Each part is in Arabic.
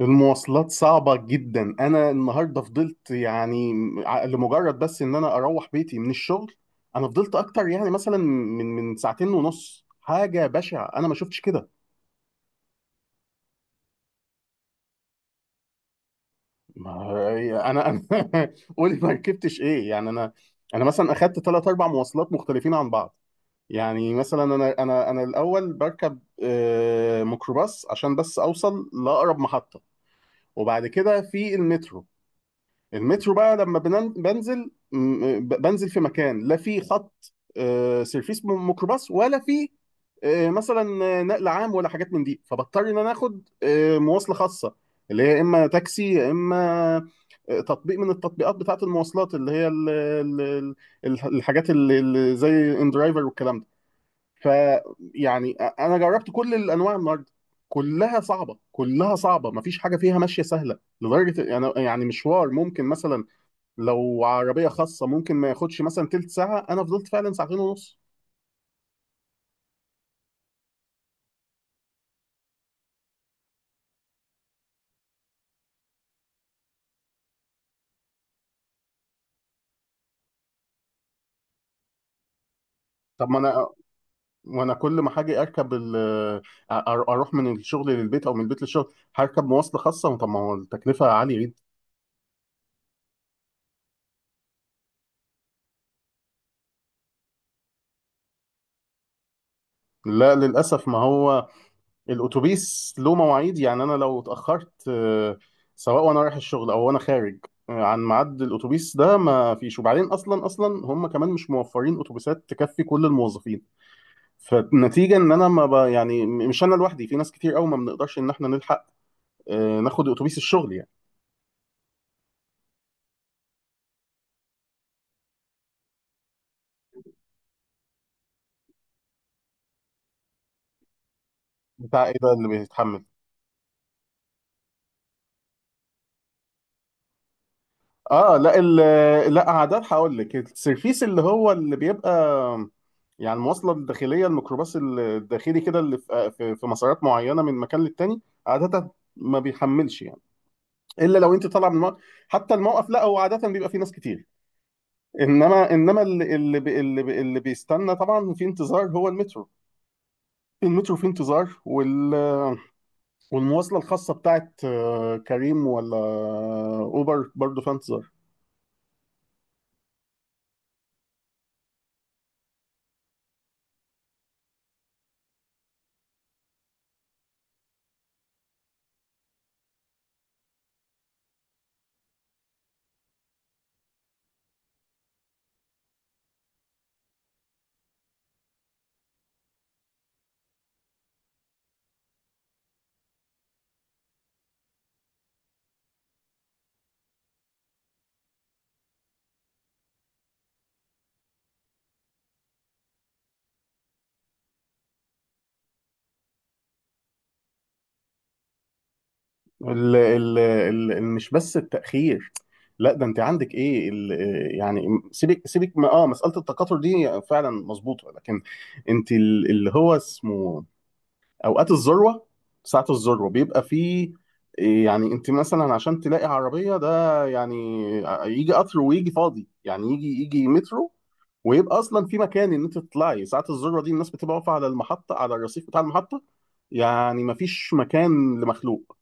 المواصلات صعبة جدا. أنا النهاردة فضلت يعني لمجرد بس إن أنا أروح بيتي من الشغل. أنا فضلت أكتر يعني مثلا من ساعتين ونص. حاجة بشعة، أنا ما شفتش كده. أنا قولي، ما ركبتش إيه يعني أنا؟ أنا مثلا أخدت ثلاث أربع مواصلات مختلفين عن بعض. يعني مثلا أنا الأول بركب ميكروباص عشان بس أوصل لأقرب محطة. وبعد كده في المترو. المترو بقى لما بنزل، بنزل في مكان، لا في خط سيرفيس ميكروباص، ولا في مثلا نقل عام، ولا حاجات من دي. فبضطر ان انا اخد مواصله خاصه، اللي هي اما تاكسي، يا اما تطبيق من التطبيقات بتاعه المواصلات، اللي هي الحاجات اللي زي ان درايفر والكلام ده. فيعني انا جربت كل الانواع النهارده. كلها صعبه، كلها صعبه، مفيش حاجه فيها ماشيه سهله لدرجه يعني مشوار ممكن مثلا لو عربيه خاصه ممكن ما ياخدش مثلا تلت ساعه، انا فضلت فعلا ساعتين ونص. طب ما انا، وانا كل ما حاجه اركب اروح من الشغل للبيت، او من البيت للشغل هركب مواصله خاصه. طب ما هو التكلفه عاليه جدا. لا للاسف، ما هو الاتوبيس له مواعيد. يعني انا لو اتاخرت سواء وانا رايح الشغل او وانا خارج عن ميعاد الاتوبيس ده ما فيش. وبعدين اصلا هم كمان مش موفرين اتوبيسات تكفي كل الموظفين. فالنتيجه ان انا ما ب... يعني مش انا لوحدي، في ناس كتير قوي ما بنقدرش ان احنا نلحق ناخد اتوبيس الشغل يعني. بتاع ايه ده اللي بيتحمل؟ اه، لا، لا عادات، هقول لك السيرفيس اللي هو اللي بيبقى يعني المواصله الداخليه، الميكروباص الداخلي كده، اللي في مسارات معينه من مكان للتاني. عاده ما بيحملش يعني، الا لو انت طالع من الموقف. حتى الموقف، لا هو عاده بيبقى فيه ناس كتير. انما اللي بيستنى طبعا في انتظار هو المترو. المترو في انتظار، والمواصلة الخاصة بتاعت كريم ولا أوبر برضو فانتظر. مش بس التأخير، لا ده انت عندك ايه ال آه، يعني، سيبك سيبك ما مسألة التكاثر دي فعلا مظبوطة، لكن انت اللي هو اسمه اوقات الذروه، ساعه الذروه بيبقى فيه، إيه، يعني انت مثلا عشان تلاقي عربيه، ده يعني يجي قطر ويجي فاضي يعني يجي مترو، ويبقى اصلا في مكان ان انت تطلعي. ساعه الذروه دي الناس بتبقى واقفه على المحطه، على الرصيف بتاع المحطه، يعني مفيش مكان لمخلوق.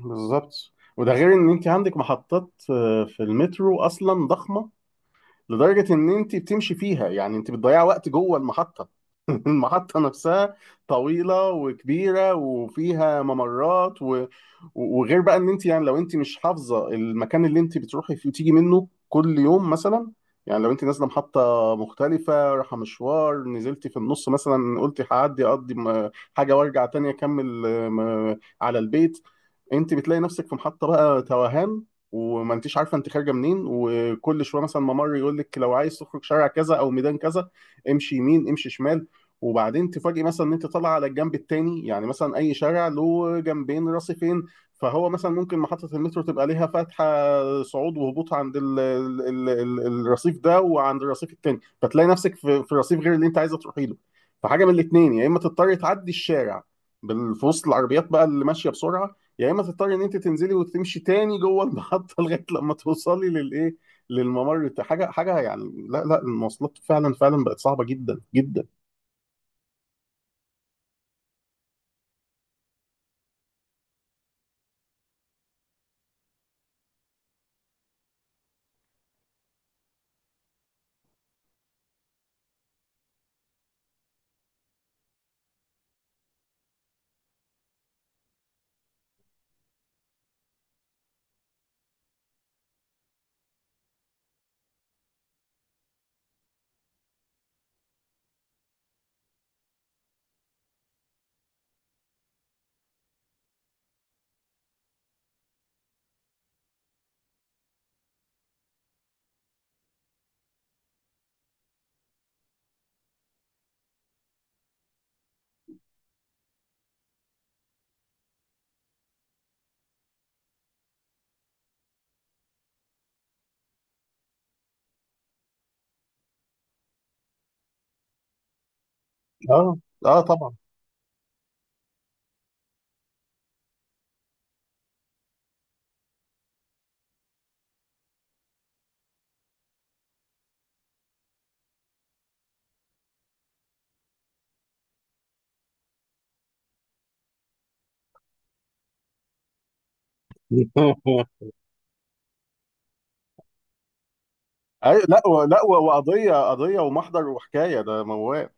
بالظبط. وده غير ان انت عندك محطات في المترو اصلا ضخمه، لدرجه ان انت بتمشي فيها، يعني انت بتضيع وقت جوه المحطه. المحطة نفسها طويلة وكبيرة وفيها ممرات وغير بقى ان انت يعني، لو انت مش حافظة المكان اللي انت بتروحي فيه وتيجي منه كل يوم مثلا، يعني لو انت نازلة محطة مختلفة، رايحة مشوار نزلتي في النص مثلا، قلتي هعدي اقضي حاجة وارجع تاني اكمل على البيت، انت بتلاقي نفسك في محطة بقى توهان، وما انتيش عارفة انت خارجة منين. وكل شوية مثلا ممر يقول لك لو عايز تخرج شارع كذا او ميدان كذا، امشي يمين، امشي شمال. وبعدين تفاجئ مثلا ان انت طالع على الجنب التاني، يعني مثلا اي شارع له جنبين، رصيفين، فهو مثلا ممكن محطة المترو تبقى ليها فتحة صعود وهبوط عند ال ال ال ال الرصيف ده وعند الرصيف التاني، فتلاقي نفسك في رصيف غير اللي انت عايزة تروحي له. فحاجة من الاتنين، يا اما تضطري تعدي الشارع في وسط العربيات بقى اللي ماشية بسرعة، يا اما تضطري ان انت تنزلي وتمشي تاني جوه المحطة لغاية لما توصلي للايه، للممر حاجة حاجة يعني، لا لا، المواصلات فعلا فعلا بقت صعبة جدا جدا. اه، اه، طبعا. أي، لا لا وقضيه قضيه ومحضر وحكايه، ده موال.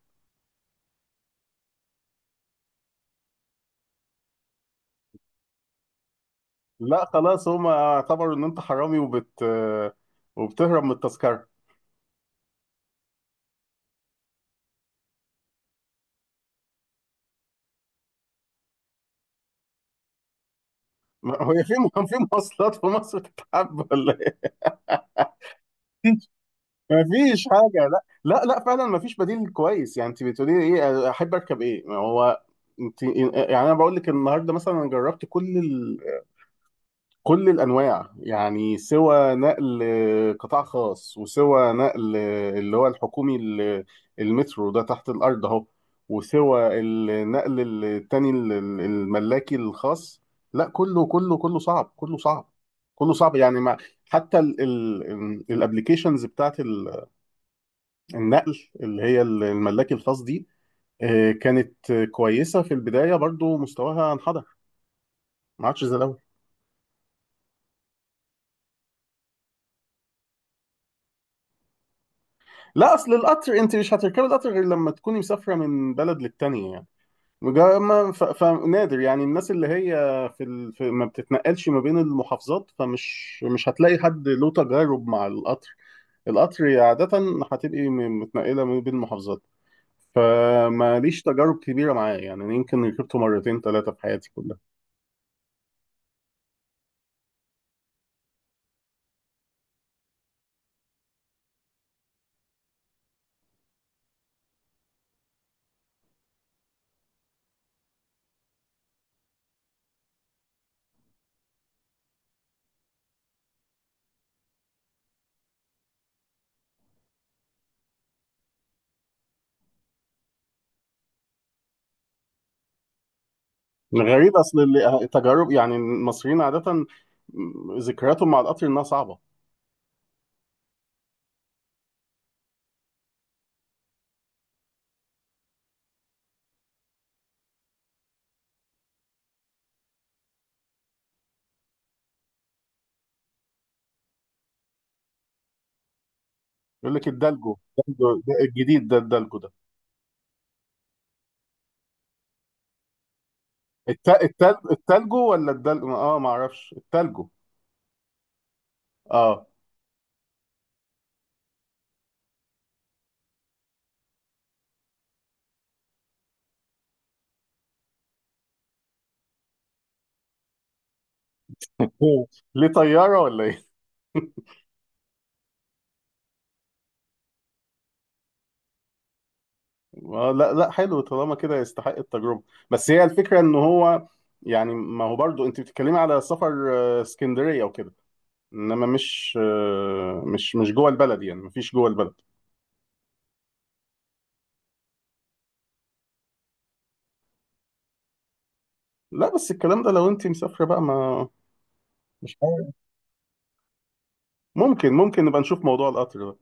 لا خلاص، هم اعتبروا ان انت حرامي وبتهرب من التذكره. هو في كان في مواصلات في مصر تتحب ولا ايه؟ مفيش حاجه، لا لا لا، فعلا مفيش بديل كويس. يعني انت بتقولي لي ايه؟ احب اركب ايه؟ ما هو انت يعني، انا بقول لك النهارده مثلا انا جربت كل الانواع، يعني سوى نقل قطاع خاص، وسوى نقل اللي هو الحكومي، المترو ده تحت الارض اهو، وسوى النقل التاني الملاكي الخاص. لا كله صعب، كله صعب، كله صعب يعني. ما حتى الابلكيشنز بتاعت النقل، اللي هي الملاكي الخاص دي كانت كويسة في البداية، برضو مستواها انحدر، ما عادش زي الاول. لا، اصل القطر انت مش هتركبي القطر غير لما تكوني مسافره من بلد للتانيه يعني. فنادر يعني، الناس اللي هي في ما بتتنقلش ما بين المحافظات، فمش مش هتلاقي حد له تجارب مع القطر. القطر عاده هتبقي متنقله ما بين المحافظات، فماليش تجارب كبيره معاه يعني. أنا يمكن ركبته مرتين ثلاثه في حياتي كلها. غريب، اصل التجارب يعني المصريين عاده ذكرياتهم مع القطر انها صعبه. يقول لك الدلجو، الجديد ده الدلجو، التلجو ولا الدل اه ما اعرفش، التلجو. اه، هو ليه طيارة ولا ايه؟ آه، لا لا، حلو. طالما كده يستحق التجربة. بس هي الفكرة ان هو يعني، ما هو برضو انت بتتكلمي على سفر اسكندرية وكده، انما مش جوه البلد، يعني مفيش جوه البلد. لا بس الكلام ده، لو انت مسافرة بقى. ما مش عارف، ممكن نبقى نشوف موضوع القطر ده.